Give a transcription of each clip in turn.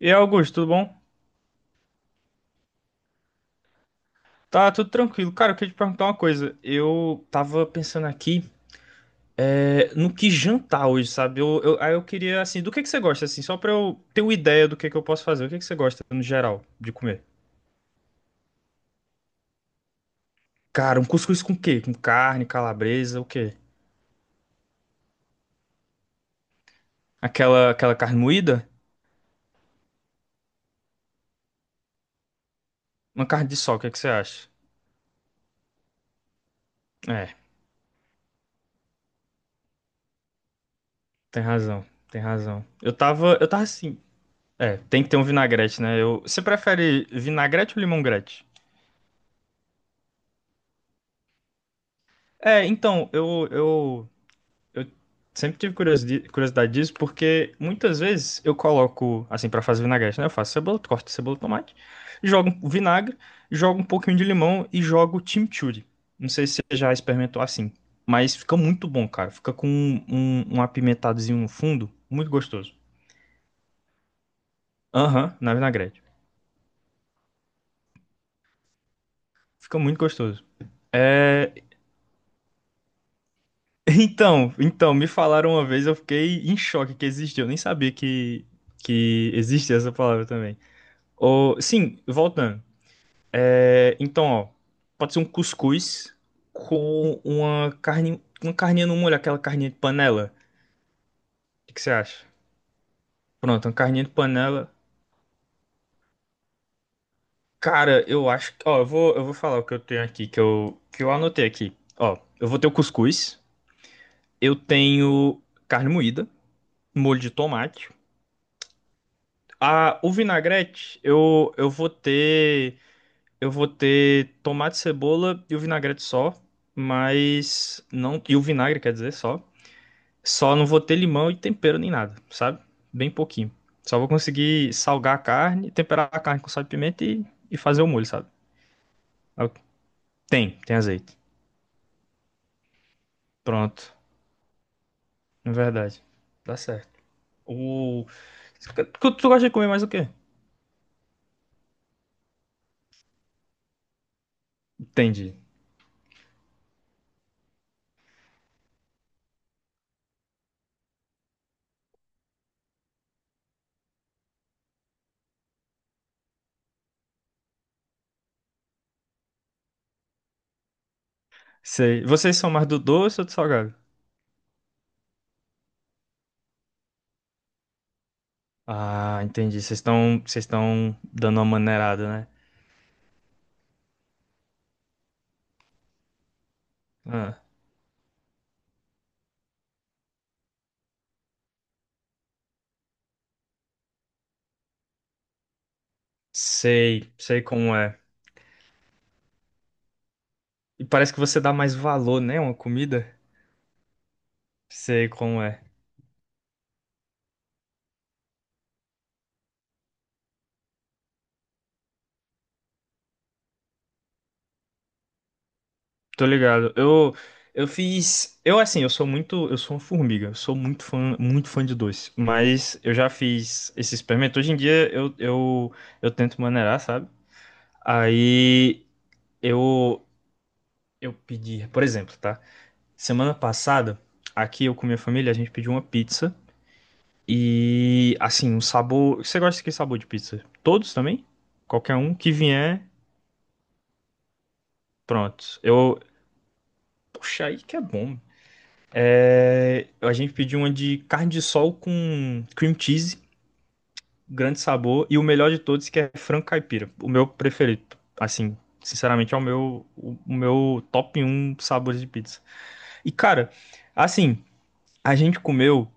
E aí, Augusto, tudo bom? Tá tudo tranquilo. Cara, eu queria te perguntar uma coisa. Eu tava pensando aqui, no que jantar hoje, sabe? Aí eu queria, assim, do que você gosta, assim, só pra eu ter uma ideia do que eu posso fazer. O que que você gosta, no geral, de comer? Cara, um cuscuz com quê? Com carne, calabresa, o quê? Aquela carne moída? Uma carne de sol, o que que você acha? É, tem razão, tem razão. Eu tava assim. É, tem que ter um vinagrete, né? Você prefere vinagrete ou limongrete? É, então, sempre tive curiosidade disso, porque muitas vezes eu coloco, assim, pra fazer vinagrete, né? Eu faço cebola, corto cebola, tomate, jogo um vinagre, jogo um pouquinho de limão e jogo chimichurri. Não sei se você já experimentou assim, mas fica muito bom, cara. Fica com um apimentadozinho no fundo, muito gostoso. Aham, na vinagrete. Fica muito gostoso. É, então, me falaram uma vez, eu fiquei em choque que existia. Eu nem sabia que existia essa palavra também. Ô, sim, voltando. É, então, ó, pode ser um cuscuz com uma carne, uma carninha no molho, aquela carninha de panela. O que que você acha? Pronto, uma carninha de panela. Cara, eu acho que, ó, eu vou falar o que eu tenho aqui, que eu anotei aqui. Ó, eu vou ter o cuscuz, eu tenho carne moída, molho de tomate. Ah, o vinagrete, eu vou ter tomate, cebola e o vinagrete só, mas não, e o vinagre, quer dizer, só. Só não vou ter limão e tempero nem nada, sabe? Bem pouquinho. Só vou conseguir salgar a carne, temperar a carne com sal e pimenta e fazer o molho, sabe? É o. Tem azeite. Pronto. Na verdade. Dá certo. O... tu gosta de comer mais o quê? Entendi. Sei. Vocês são mais do doce ou do salgado? Ah, entendi. Vocês estão dando uma maneirada, né? Ah, sei, sei como é. E parece que você dá mais valor, né? Uma comida. Sei como é. Tô ligado. Eu fiz. Eu, assim, eu sou muito. Eu sou uma formiga. Eu sou muito fã de doce. Mas eu já fiz esse experimento. Hoje em dia eu tento maneirar, sabe? Aí eu, eu pedi. Por exemplo, tá? Semana passada, aqui eu com minha família, a gente pediu uma pizza. E, assim, um sabor. Você gosta de que sabor de pizza? Todos também? Qualquer um que vier, pronto. Eu. Poxa aí que é bom. É, a gente pediu uma de carne de sol com cream cheese, grande sabor, e o melhor de todos que é frango caipira. O meu preferido, assim, sinceramente é o meu top um sabores de pizza. E cara, assim, a gente comeu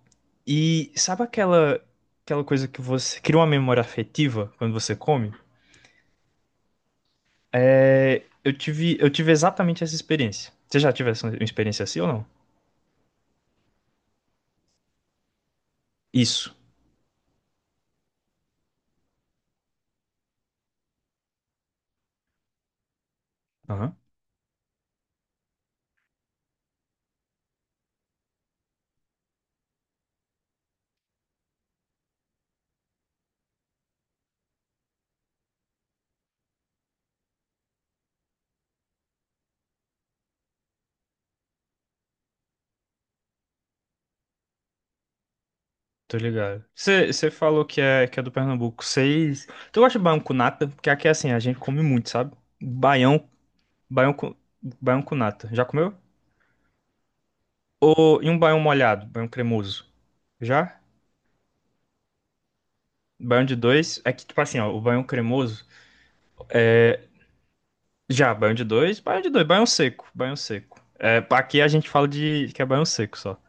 e sabe aquela coisa que você cria uma memória afetiva quando você come? É, eu tive exatamente essa experiência. Você já tivesse uma experiência assim ou não? Isso. Aham. Tô ligado. Você falou que é do Pernambuco. Vocês. Tu gosta de baião com nata? Porque aqui é assim, a gente come muito, sabe? Baião, baião com, baião com nata. Já comeu? Ou e um baião molhado, baião cremoso? Já? Baião de dois. É que, tipo assim, ó, o baião cremoso. Já, baião de dois, baião de dois, baião seco, baião seco. É, aqui a gente fala de que é baião seco só.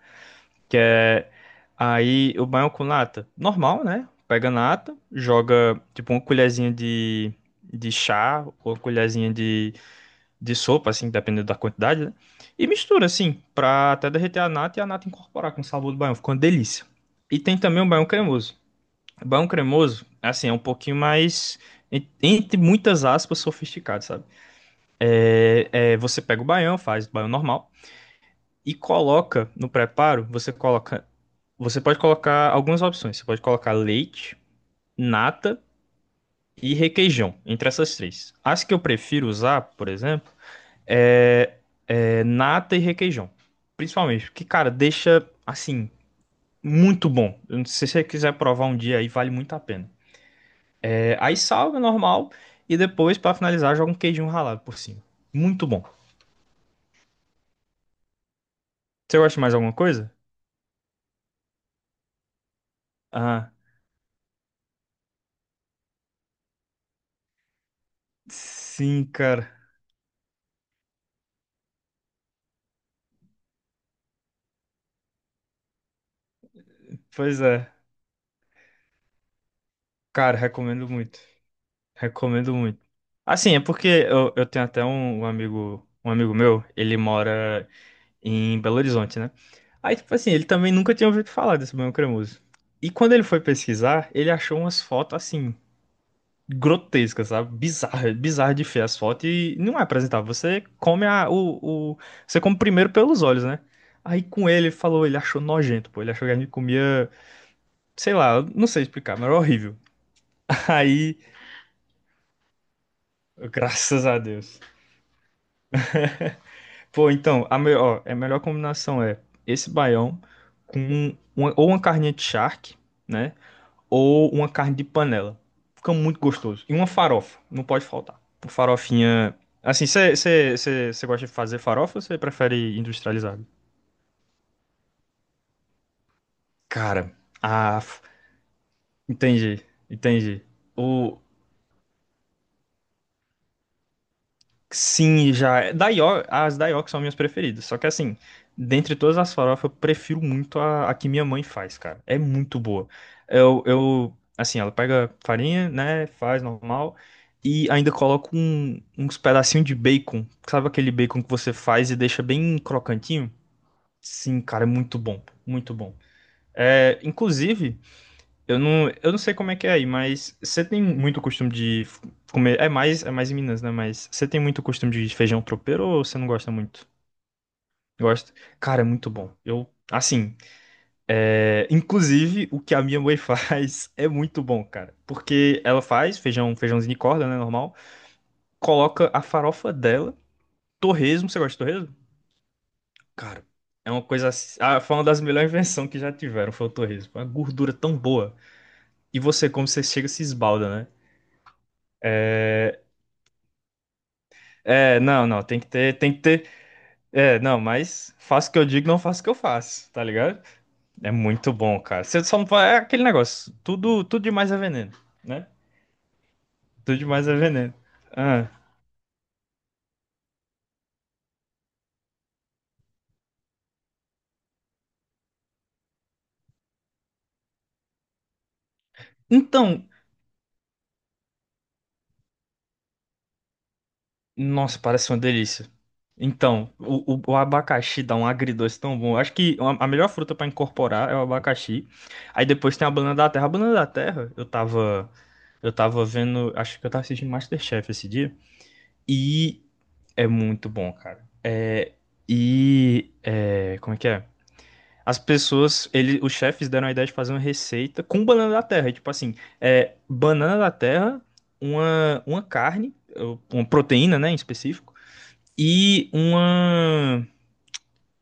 Que é aí o banho com nata. Normal, né? Pega nata, joga tipo uma colherzinha de chá ou uma colherzinha de sopa, assim, dependendo da quantidade, né? E mistura, assim, pra até derreter a nata e a nata incorporar com o sabor do banho. Ficou uma delícia. E tem também o banho cremoso. O banho cremoso, assim, é um pouquinho mais, entre muitas aspas, sofisticado, sabe? É, você pega o baião, faz o baião normal e coloca no preparo, você pode colocar algumas opções. Você pode colocar leite, nata e requeijão, entre essas três. As que eu prefiro usar, por exemplo, é, é nata e requeijão, principalmente, porque cara, deixa assim muito bom. Se você quiser provar um dia aí, vale muito a pena. É, aí salga normal e depois para finalizar joga um queijinho ralado por cima. Muito bom. Você gosta de mais alguma coisa? Ah, sim, cara. Pois é. Cara, recomendo muito. Recomendo muito. Assim, é porque eu tenho até um amigo meu, ele mora em Belo Horizonte, né? Aí, tipo assim, ele também nunca tinha ouvido falar desse banho cremoso. E quando ele foi pesquisar, ele achou umas fotos assim, grotescas, sabe? Bizarra, bizarra de feia as fotos e não é apresentável. Você come a, o- Você come primeiro pelos olhos, né? Aí com ele, ele falou, ele achou nojento, pô. Ele achou que a gente comia, sei lá, eu não sei explicar, mas era horrível. Aí, graças a Deus. Pô, então, é a melhor combinação é esse baião com ou uma carninha de charque, né? Ou uma carne de panela. Fica muito gostoso. E uma farofa, não pode faltar. Uma farofinha. Assim, você gosta de fazer farofa ou você prefere industrializado? Cara, ah, entendi, entendi. O. Sim, já. Da As da são minhas preferidas. Só que assim, dentre todas as farofas, eu prefiro muito a que minha mãe faz, cara. É muito boa. Assim, ela pega farinha, né? Faz normal. E ainda coloca uns pedacinhos de bacon. Sabe aquele bacon que você faz e deixa bem crocantinho? Sim, cara, é muito bom. Muito bom. É, inclusive. Eu não sei como é que é aí, mas você tem muito costume de comer. É mais em Minas, né? Mas você tem muito costume de feijão tropeiro ou você não gosta muito? Gosto. Cara, é muito bom. Eu, assim, é, inclusive o que a minha mãe faz é muito bom, cara. Porque ela faz feijão, feijãozinho de corda, né? Normal. Coloca a farofa dela, torresmo. Você gosta de torresmo? Cara, é uma coisa, ah, foi uma das melhores invenções que já tiveram, foi o torresmo. Uma gordura tão boa. E você, como você chega, se esbalda, né? É, não, não, tem que ter, tem que ter. É, não, mas faço o que eu digo, não faço o que eu faço, tá ligado? É muito bom, cara. Você só não vai. É aquele negócio. Tudo demais é veneno, né? Tudo demais é veneno. Ah. Então, nossa, parece uma delícia. Então, o abacaxi dá um agridoce tão bom. Eu acho que a melhor fruta pra incorporar é o abacaxi. Aí depois tem a banana da terra. A banana da terra, eu tava. Eu tava vendo. Acho que eu tava assistindo MasterChef esse dia. E é muito bom, cara. É, e é, como é que é? Os chefes deram a ideia de fazer uma receita com banana da terra. E, tipo assim, é, banana da terra, uma carne, ou uma proteína, né, em específico, e uma.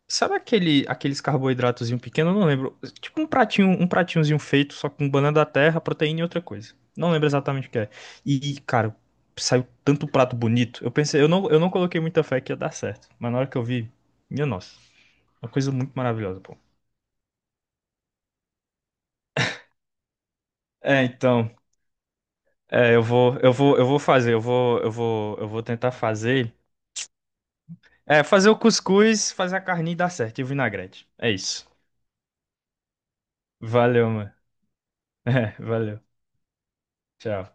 Sabe aqueles carboidratozinho pequeno? Eu não lembro. Tipo um pratinhozinho feito, só com banana da terra, proteína e outra coisa. Não lembro exatamente o que é. E, cara, saiu tanto prato bonito. Eu pensei, eu não coloquei muita fé que ia dar certo. Mas na hora que eu vi, minha nossa, uma coisa muito maravilhosa, pô. É, então, é, eu vou fazer, eu vou tentar fazer. É, fazer o cuscuz, fazer a carninha e dar certo, e o vinagrete. É isso. Valeu, mano. É, valeu. Tchau.